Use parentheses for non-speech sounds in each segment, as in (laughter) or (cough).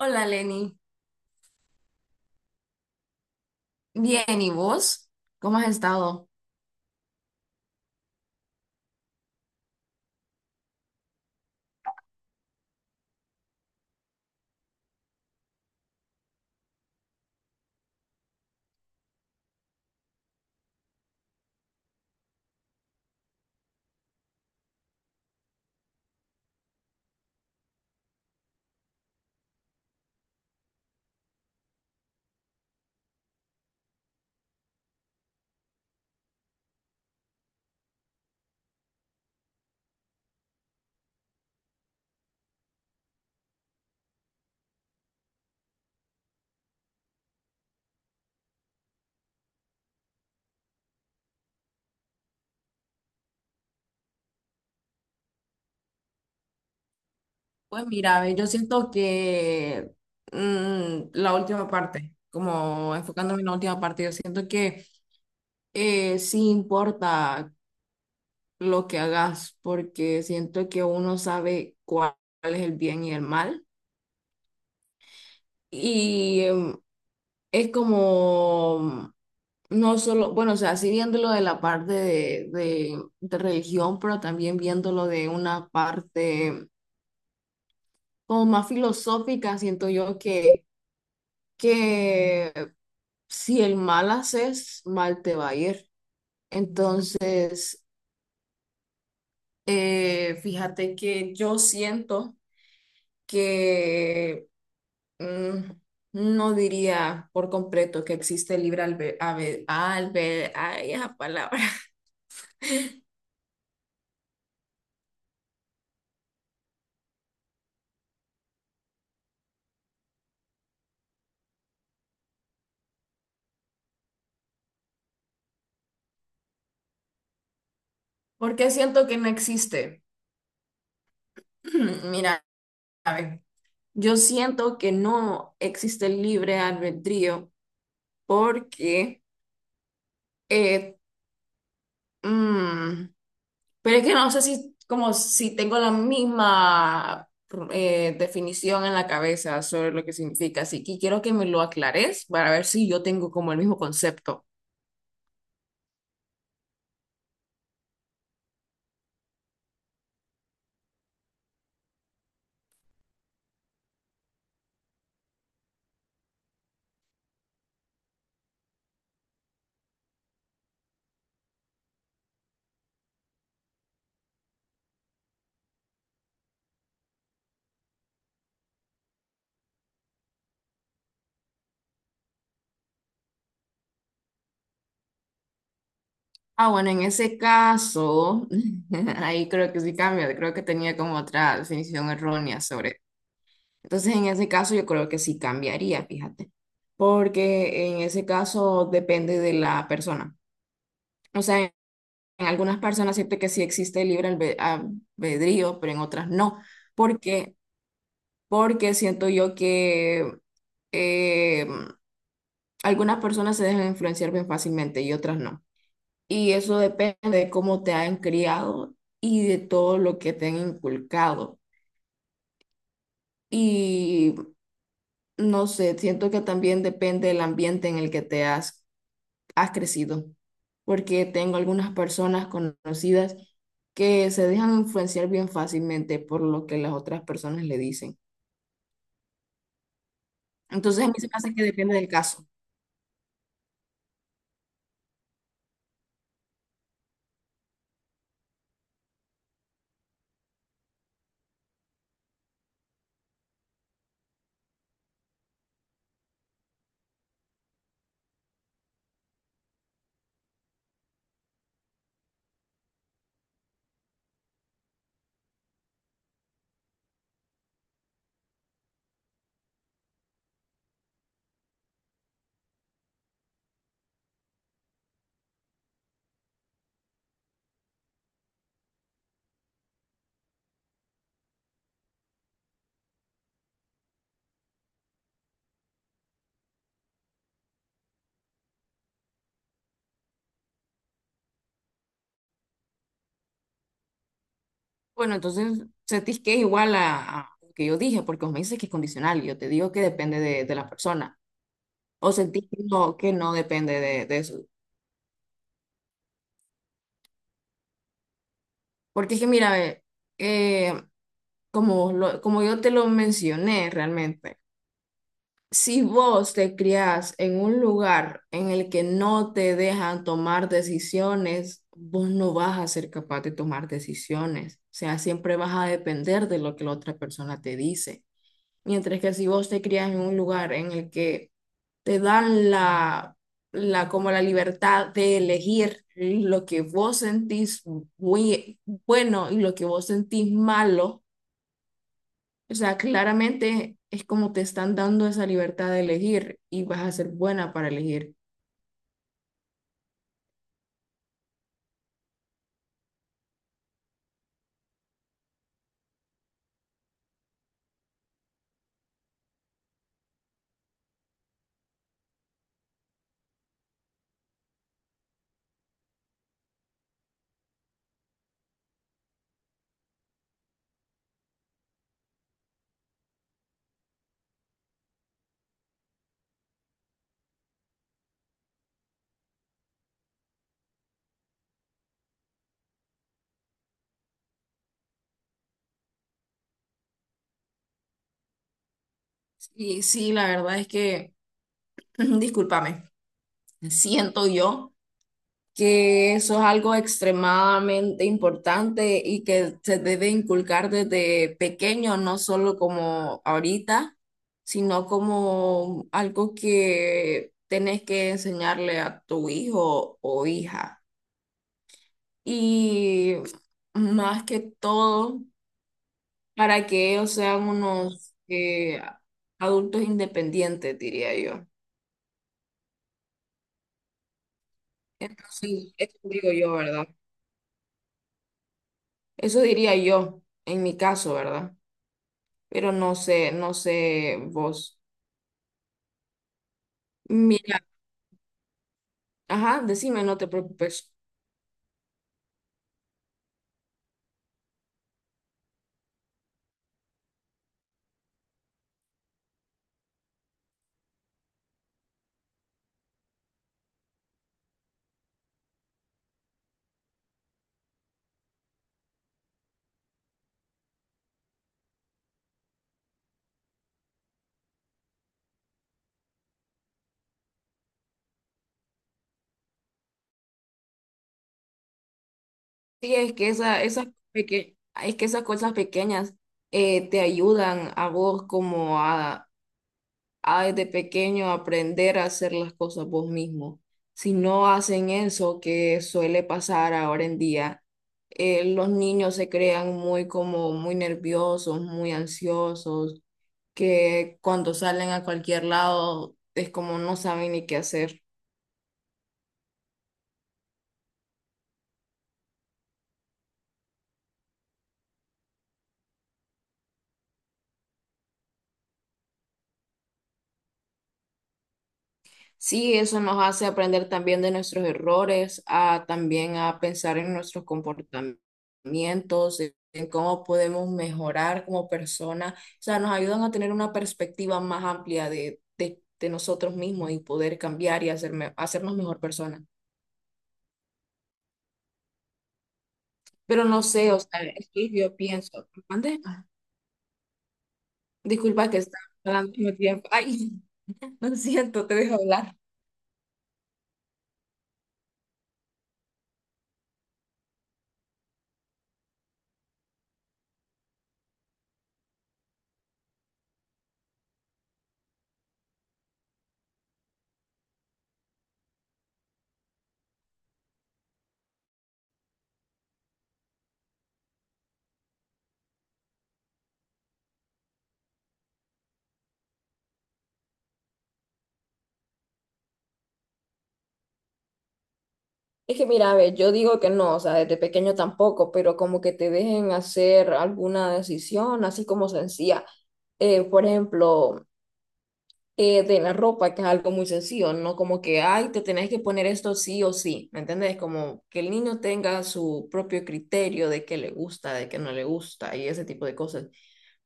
Hola Lenny, bien, ¿y vos? ¿Cómo has estado? Pues mira, ve, yo siento que la última parte, como enfocándome en la última parte, yo siento que sí importa lo que hagas, porque siento que uno sabe cuál es el bien y el mal. Y es como, no solo, bueno, o sea, sí viéndolo de la parte de religión, pero también viéndolo de una parte como más filosófica, siento yo que si el mal haces, mal te va a ir. Entonces, fíjate que yo siento que mm, no diría por completo que existe libre albedrío, ay, esa palabra, (laughs) porque siento que no existe. (clears throat) Mira, a ver, yo siento que no existe libre albedrío porque... eh, Mm, pero es que no sé si, como si tengo la misma definición en la cabeza sobre lo que significa, así que quiero que me lo aclares para ver si yo tengo como el mismo concepto. Ah, bueno, en ese caso, (laughs) ahí creo que sí cambia, creo que tenía como otra definición errónea sobre. Entonces, en ese caso, yo creo que sí cambiaría, fíjate, porque en ese caso depende de la persona. O sea, en algunas personas siento que sí existe el albedrío, pero en otras no. ¿Por qué? Porque siento yo que eh, algunas personas se dejan influenciar bien fácilmente y otras no. Y eso depende de cómo te han criado y de todo lo que te han inculcado. Y no sé, siento que también depende del ambiente en el que te has crecido, porque tengo algunas personas conocidas que se dejan influenciar bien fácilmente por lo que las otras personas le dicen. Entonces a mí se me hace que depende del caso. Bueno, entonces sentís que es igual a lo que yo dije, porque vos me dices que es condicional, y yo te digo que depende de la persona, o sentís que no depende de eso. Porque es que mira, eh, como yo te lo mencioné realmente, si vos te criás en un lugar en el que no te dejan tomar decisiones, vos no vas a ser capaz de tomar decisiones. O sea, siempre vas a depender de lo que la otra persona te dice. Mientras que si vos te criás en un lugar en el que te dan la como la libertad de elegir lo que vos sentís bui- bueno y lo que vos sentís malo, o sea, claramente es como te están dando esa libertad de elegir y vas a ser buena para elegir. Y sí, la verdad es que, (clears throat) discúlpame, siento yo que eso es algo extremadamente importante y que se debe inculcar desde pequeño, no solo como ahorita, sino como algo que tenés que enseñarle a tu hijo o hija. Y más que todo para que ellos sean unos adultos independientes, diría yo. Entonces, eso digo yo, ¿verdad? Eso diría yo, en mi caso, ¿verdad? Pero no sé, no sé vos. Mira, ajá, decime, no te preocupes. Sí, es que peque- es que esas cosas pequeñas te ayudan a vos como a hay de pequeño aprender a hacer las cosas vos mismo. Si no hacen eso que suele pasar ahora en día, los niños se crean muy como muy nerviosos, muy ansiosos, que cuando salen a cualquier lado es como no saben ni qué hacer. Sí, eso nos hace aprender también de nuestros errores, a también a pensar en nuestros comportamientos, en cómo podemos mejorar como persona. O sea, nos ayudan a tener una perspectiva más amplia de nosotros mismos y poder cambiar y hacernos mejor persona. Pero no sé, o sea, es que yo pienso, ¿mande? Ah, disculpa que está hablando al mismo tiempo. Ay, (laughs) lo siento, te dejo hablar. Es que mira, a ver, yo digo que no, o sea, desde pequeño tampoco, pero como que te dejen hacer alguna decisión, así como sencilla. Por ejemplo, de la ropa, que es algo muy sencillo, ¿no? Como que, ay, te tenés que poner esto sí o sí, ¿me entendés? Como que el niño tenga su propio criterio de qué le gusta, de qué no le gusta y ese tipo de cosas.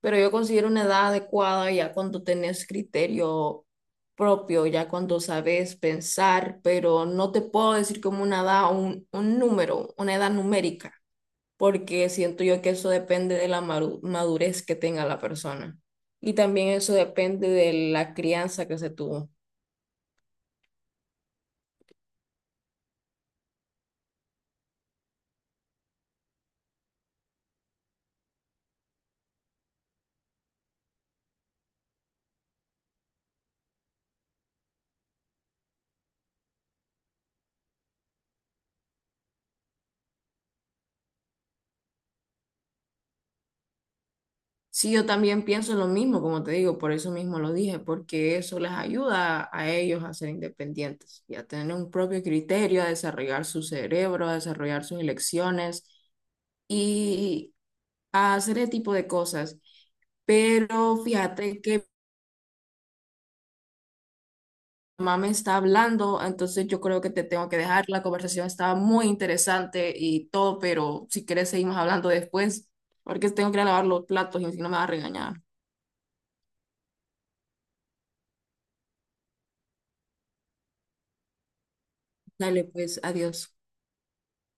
Pero yo considero una edad adecuada ya cuando tenés criterio propio, ya cuando sabes pensar, pero no te puedo decir como una edad, un número, una edad numérica, porque siento yo que eso depende de la madurez que tenga la persona. Y también eso depende de la crianza que se tuvo. Sí, yo también pienso lo mismo, como te digo, por eso mismo lo dije, porque eso les ayuda a ellos a ser independientes y a tener un propio criterio, a desarrollar su cerebro, a desarrollar sus elecciones y a hacer ese tipo de cosas. Pero fíjate que mi mamá me está hablando, entonces yo creo que te tengo que dejar. La conversación estaba muy interesante y todo, pero si quieres seguimos hablando después, porque tengo que ir a lavar los platos y si no me va a regañar. Dale, pues, adiós.